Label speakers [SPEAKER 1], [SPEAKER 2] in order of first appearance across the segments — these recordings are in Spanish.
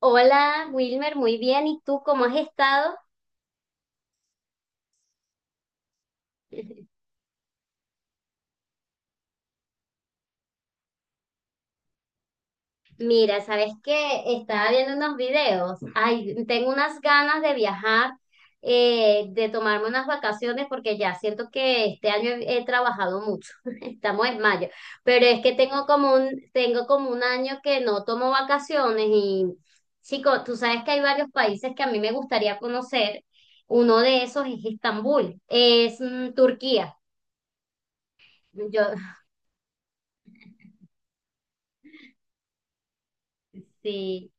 [SPEAKER 1] Hola Wilmer, muy bien. ¿Y tú cómo has estado? Mira, ¿sabes qué? Estaba viendo unos videos. Ay, tengo unas ganas de viajar, de tomarme unas vacaciones porque ya siento que este año he trabajado mucho. Estamos en mayo, pero es que tengo como tengo como un año que no tomo vacaciones y chico, tú sabes que hay varios países que a mí me gustaría conocer. Uno de esos es Estambul, es Turquía. Yo, sí.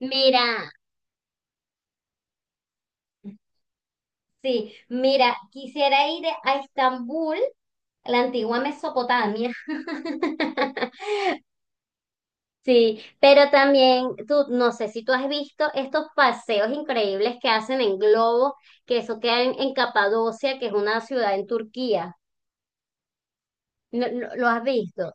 [SPEAKER 1] Mira, sí, mira, quisiera ir a Estambul, la antigua Mesopotamia. Sí, pero también tú, no sé si tú has visto estos paseos increíbles que hacen en globo, que eso queda en Capadocia, que es una ciudad en Turquía. ¿ Lo has visto?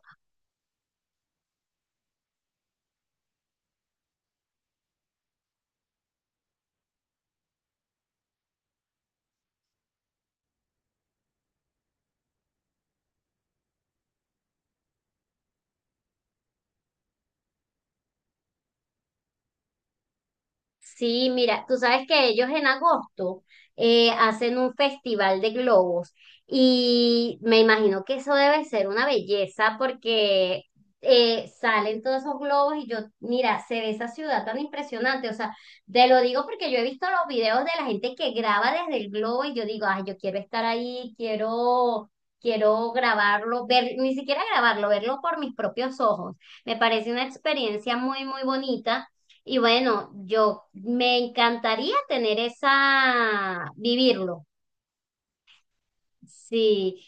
[SPEAKER 1] Sí, mira, tú sabes que ellos en agosto hacen un festival de globos y me imagino que eso debe ser una belleza porque salen todos esos globos y yo, mira, se ve esa ciudad tan impresionante, o sea, te lo digo porque yo he visto los videos de la gente que graba desde el globo y yo digo, ay, yo quiero estar ahí, quiero, quiero grabarlo, ver, ni siquiera grabarlo, verlo por mis propios ojos. Me parece una experiencia muy, muy bonita. Y bueno, yo me encantaría tener esa, vivirlo. Sí,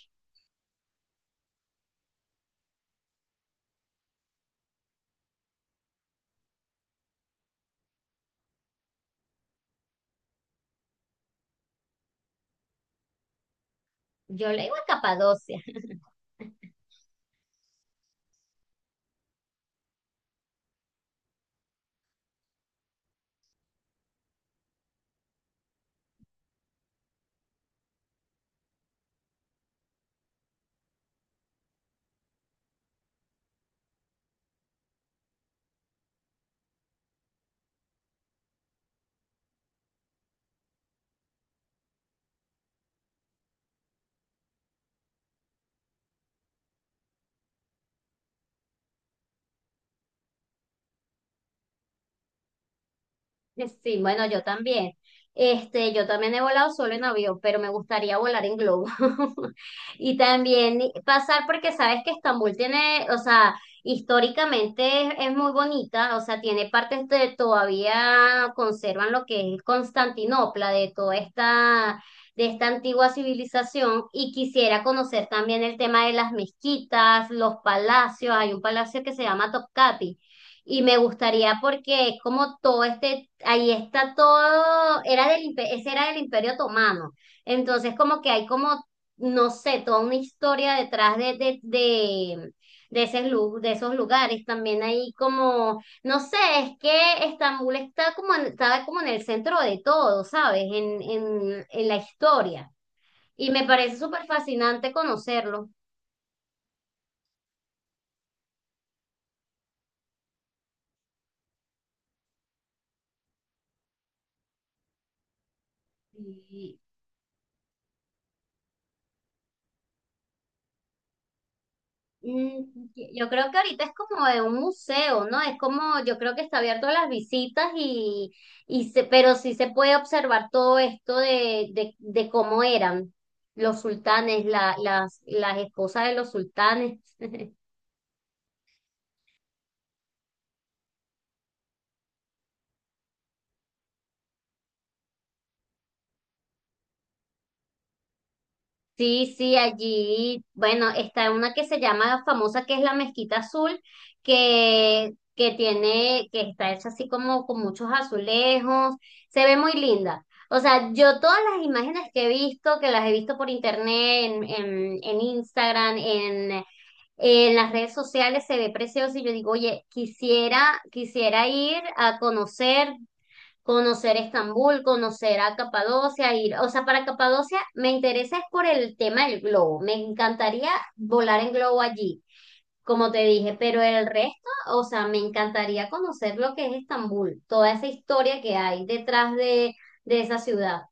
[SPEAKER 1] yo le digo escapadocia. Sí, bueno, yo también. Este, yo también he volado solo en avión, pero me gustaría volar en globo. Y también pasar porque sabes que Estambul tiene, o sea, históricamente es muy bonita, o sea, tiene partes de todavía conservan lo que es Constantinopla, de toda esta, de esta antigua civilización. Y quisiera conocer también el tema de las mezquitas, los palacios. Hay un palacio que se llama Topkapi y me gustaría porque es como todo este, ahí está todo, era del, ese era del Imperio Otomano. Entonces como que hay como, no sé, toda una historia detrás de ese de esos lugares. También hay como, no sé, es que Estambul está como, está como en el centro de todo, ¿sabes? En la historia. Y me parece súper fascinante conocerlo. Y mm, yo creo que ahorita es como de un museo, ¿no? Es como, yo creo que está abierto a las visitas y se, pero sí se puede observar todo esto de cómo eran los sultanes, la, las esposas de los sultanes. Sí, sí, allí, bueno, está una que se llama famosa, que es la Mezquita Azul, que tiene, que está hecha así como con muchos azulejos, se ve muy linda. O sea, yo todas las imágenes que he visto, que las he visto por internet, en Instagram, en las redes sociales, se ve precioso y yo digo, oye, quisiera, quisiera ir a conocer, conocer Estambul, conocer a Capadocia, ir, o sea, para Capadocia me interesa es por el tema del globo, me encantaría volar en globo allí, como te dije, pero el resto, o sea, me encantaría conocer lo que es Estambul, toda esa historia que hay detrás de esa ciudad,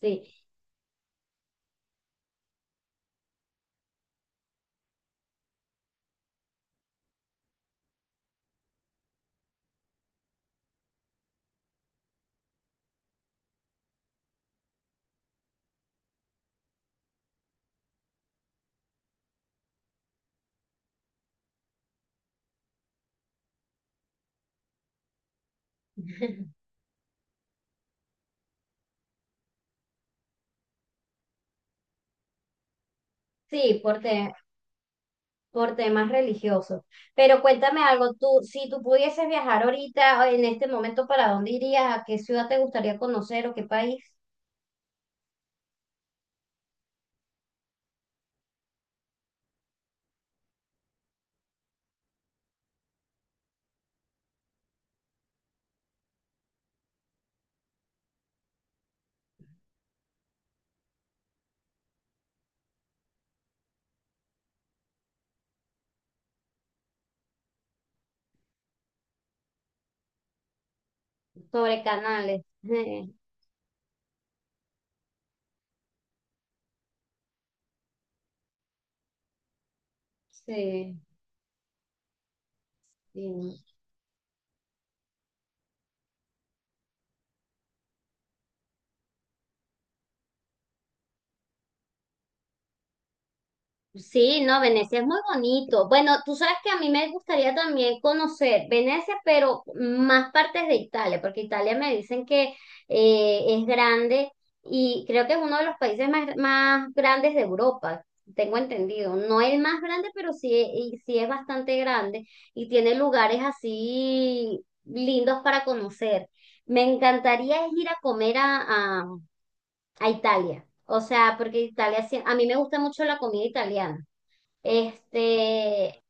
[SPEAKER 1] sí, sí, por, por temas religiosos. Pero cuéntame algo, tú, si tú pudieses viajar ahorita, en este momento, ¿para dónde irías? ¿A qué ciudad te gustaría conocer o qué país? Sobre canales. Sí, sí. Sí, no, Venecia es muy bonito. Bueno, tú sabes que a mí me gustaría también conocer Venecia, pero más partes de Italia, porque Italia me dicen que es grande y creo que es uno de los países más, más grandes de Europa, tengo entendido. No es el más grande, pero sí, y sí es bastante grande y tiene lugares así lindos para conocer. Me encantaría es ir a comer a Italia. O sea, porque Italia, a mí me gusta mucho la comida italiana. Este,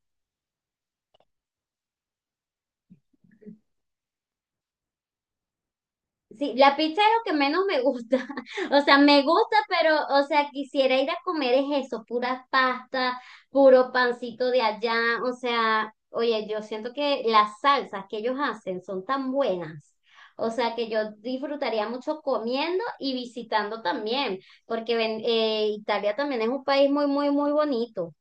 [SPEAKER 1] sí, la pizza es lo que menos me gusta. O sea, me gusta, pero, o sea, quisiera ir a comer es eso, pura pasta, puro pancito de allá. O sea, oye, yo siento que las salsas que ellos hacen son tan buenas. O sea, que yo disfrutaría mucho comiendo y visitando también, porque Italia también es un país muy, muy, muy bonito.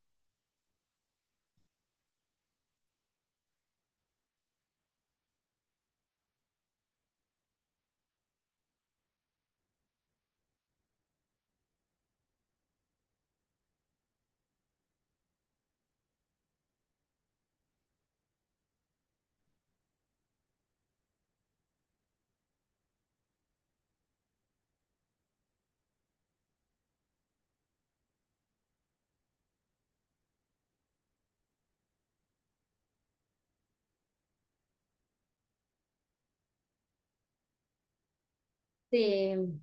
[SPEAKER 1] Sí.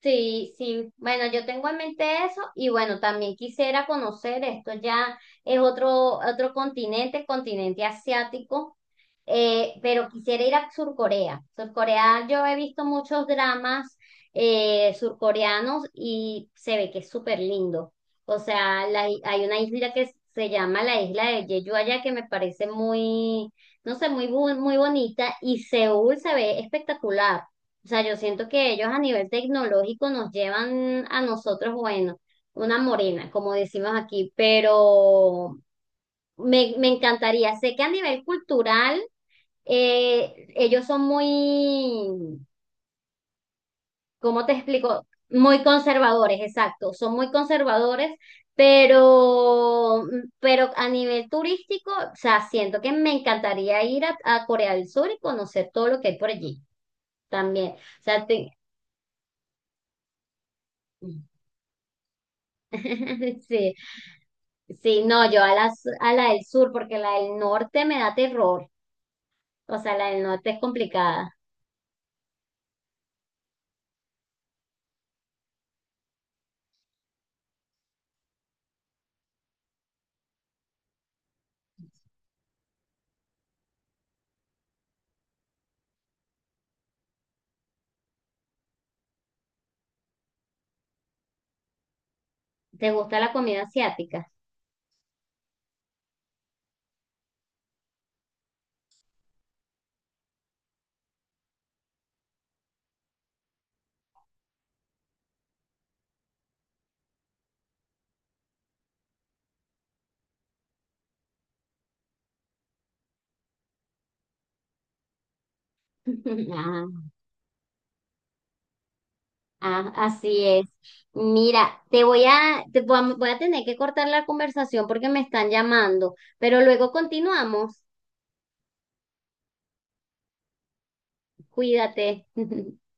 [SPEAKER 1] Sí, sí. Bueno, yo tengo en mente eso y bueno, también quisiera conocer esto ya es otro continente, el continente asiático, pero quisiera ir a Sur Corea. Sur Corea, yo he visto muchos dramas surcoreanos y se ve que es súper lindo. O sea, hay una isla que se llama la isla de Jeju allá que me parece muy, no sé, muy bonita y Seúl se ve espectacular. O sea, yo siento que ellos a nivel tecnológico nos llevan a nosotros, bueno, una morena, como decimos aquí, pero me encantaría. Sé que a nivel cultural, ellos son muy, ¿cómo te explico? Muy conservadores, exacto, son muy conservadores, pero, pero a nivel turístico, o sea, siento que me encantaría ir a Corea del Sur y conocer todo lo que hay por allí también. O sea, te- Sí, sí, no, yo a la, a la del sur, porque la del norte me da terror. O sea, la del norte es complicada. ¿Te gusta la comida asiática? Ah, ah, así es. Mira, voy a tener que cortar la conversación porque me están llamando, pero luego continuamos. Cuídate.